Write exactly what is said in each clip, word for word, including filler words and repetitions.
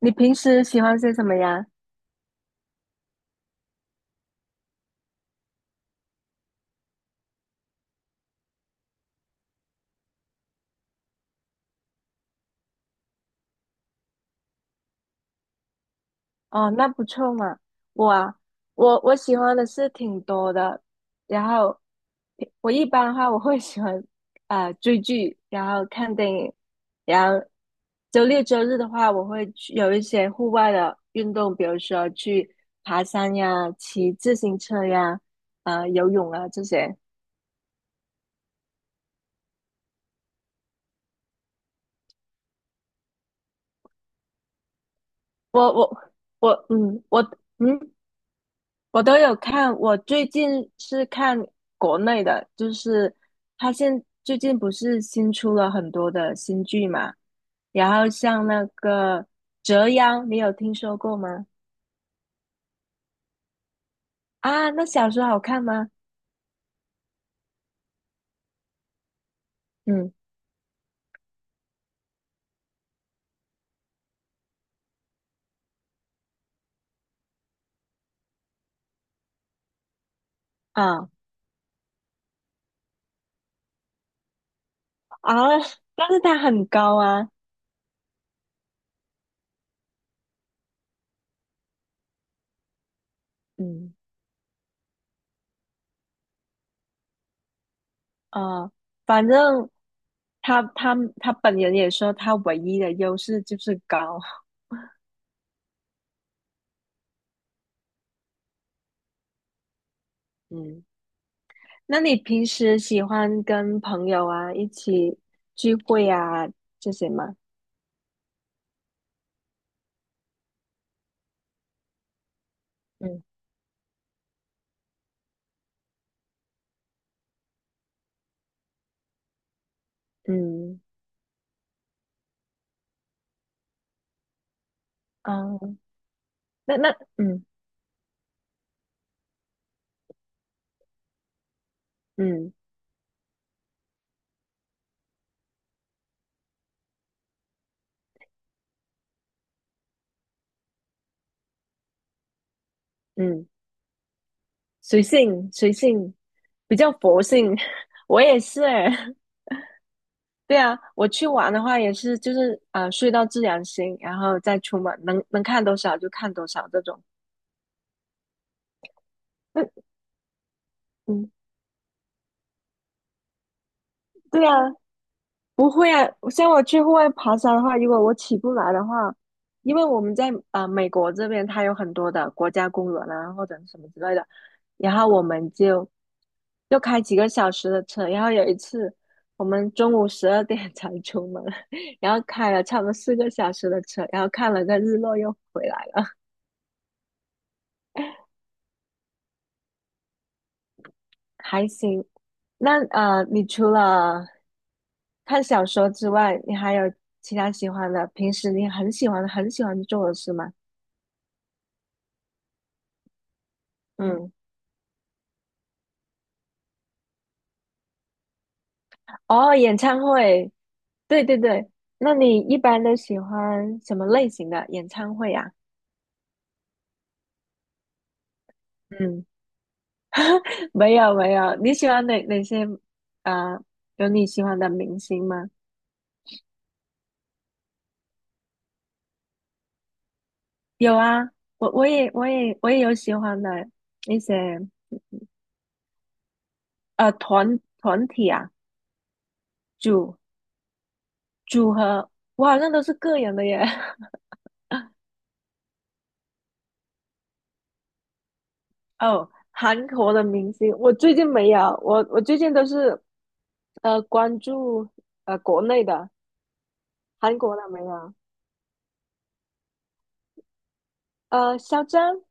你平时喜欢些什么呀？哦，那不错嘛。我啊，我我喜欢的是挺多的，然后我一般的话我会喜欢啊、呃追剧，然后看电影，然后周六周日的话我会去有一些户外的运动，比如说去爬山呀、骑自行车呀、啊游泳啊这些。我我我嗯我嗯。我都有看，我最近是看国内的，就是他现最近不是新出了很多的新剧嘛，然后像那个《折腰》，你有听说过吗？啊，那小说好看吗？嗯啊啊，但是他很高啊。嗯啊，反正他他他本人也说他唯一的优势就是高。嗯。那你平时喜欢跟朋友啊一起聚会啊这些吗？嗯，嗯，哦，那那嗯嗯嗯，随性随性，比较佛性。我也是诶。对啊，我去玩的话也是，就是啊睡到自然醒，然后再出门，能能看多少就看多少这种。嗯嗯，对啊，不会啊，像我去户外爬山的话，如果我起不来的话，因为我们在啊美国这边，它有很多的国家公园啊，或者是什么之类的，然后我们就就开几个小时的车，然后有一次我们中午十二点 才出门，然后开了差不多四个小时的车，然后看了个日落又回来了。还行。那呃，你除了看小说之外，你还有其他喜欢的，平时你很喜欢很喜欢做的事吗？嗯。哦，演唱会。对对对，那你一般都喜欢什么类型的演唱会啊？嗯，没有没有，你喜欢哪哪些？呃，有你喜欢的明星吗？有啊，我我也我也我也有喜欢的一些，呃团团体啊，组组合，我好像都是个人的耶。哦，韩国的明星，我最近没有，我我最近都是呃关注呃国内的，韩国的没有，呃，肖战，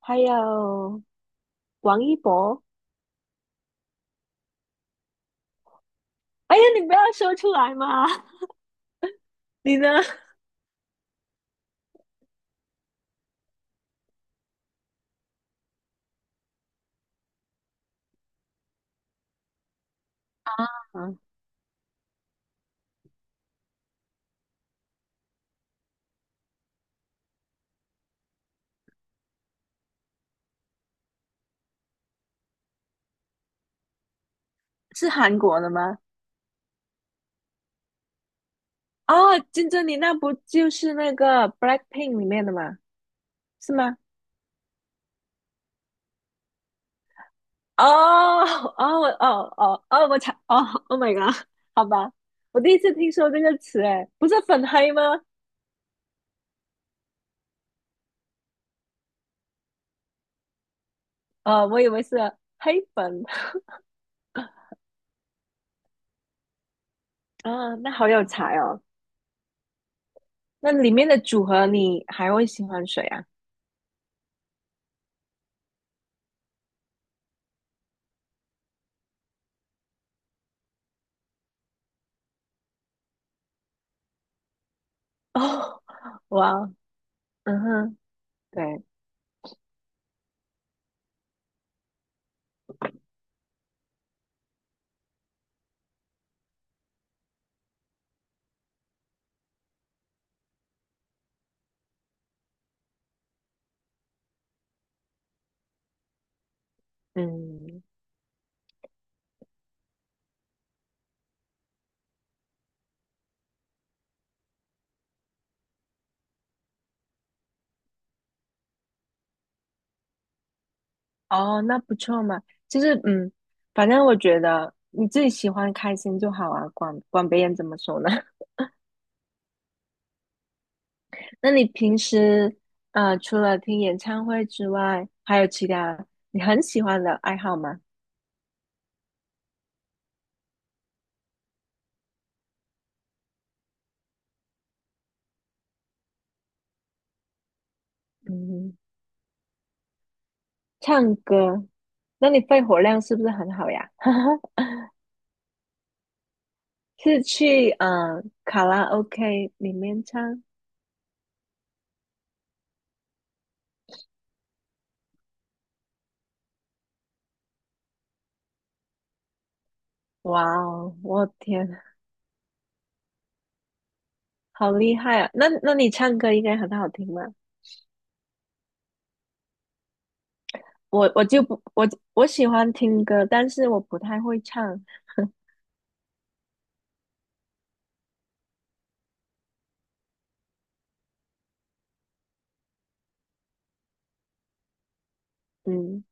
还有王一博。哎呀，你不要说出来嘛！你呢？嗯，是韩国的吗？哦，金珍妮那不就是那个《Blackpink》里面的吗？是吗？哦哦我哦哦哦，我才哦，Oh my god，好吧，我第一次听说这个词，哎，不是粉黑吗？哦，我以为是黑粉。 啊，那好有才哦。那里面的组合你还会喜欢谁啊？哦，哇，嗯哼，对，嗯，哦，那不错嘛。就是，嗯，反正我觉得你自己喜欢开心就好啊，管管别人怎么说呢？那你平时，呃，除了听演唱会之外，还有其他你很喜欢的爱好吗？嗯，唱歌，那你肺活量是不是很好呀？是去嗯呃卡拉 OK 里面唱？哇哦，我天，好厉害啊！那那你唱歌应该很好听吧？我我就不我我喜欢听歌，但是我不太会唱。嗯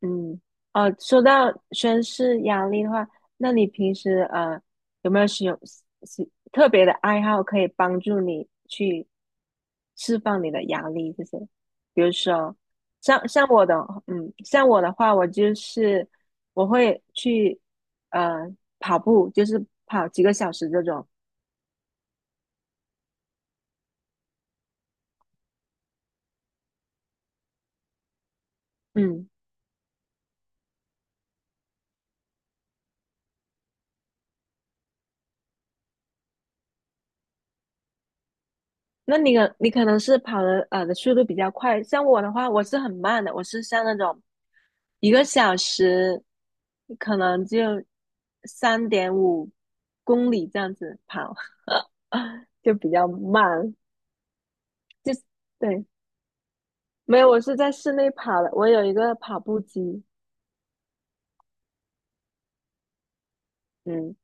嗯，哦，说到宣誓压力的话，那你平时呃有没有使用是特别的爱好可以帮助你去释放你的压力这些？比如说，像像我的嗯，像我的话，我就是我会去呃跑步，就是跑几个小时这种。嗯。那你可你可能是跑的呃的速度比较快，像我的话，我是很慢的，我是像那种一个小时可能就三点五公里这样子跑。就比较慢，就是对，没有，我是在室内跑的，我有一个跑步机。嗯，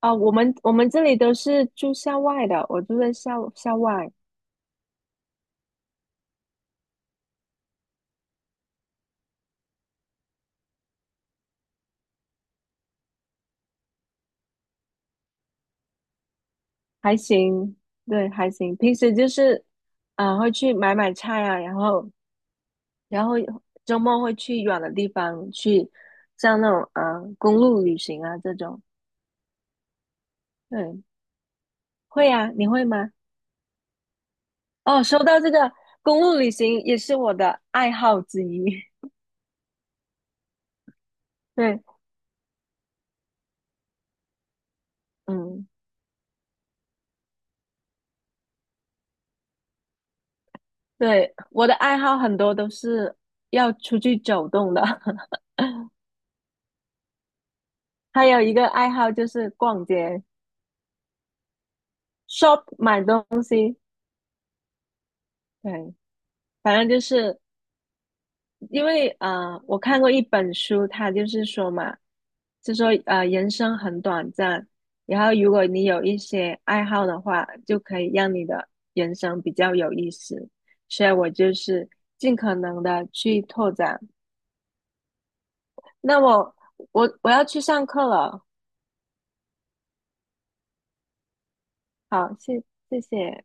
啊，我们我们这里都是住校外的，我住在校校外。还行，对，还行，平时就是啊、呃会去买买菜啊，然后。然后周末会去远的地方，去像那种啊、呃公路旅行啊这种。对，会啊，你会吗？哦，说到这个公路旅行也是我的爱好之一。对，嗯，对，我的爱好很多都是要出去走动的。还有一个爱好就是逛街、shop 买东西。对，反正就是因为呃，我看过一本书，它就是说嘛，就说呃，人生很短暂，然后如果你有一些爱好的话，就可以让你的人生比较有意思。所以我就是尽可能的去拓展。那我我我要去上课了。好，谢谢谢。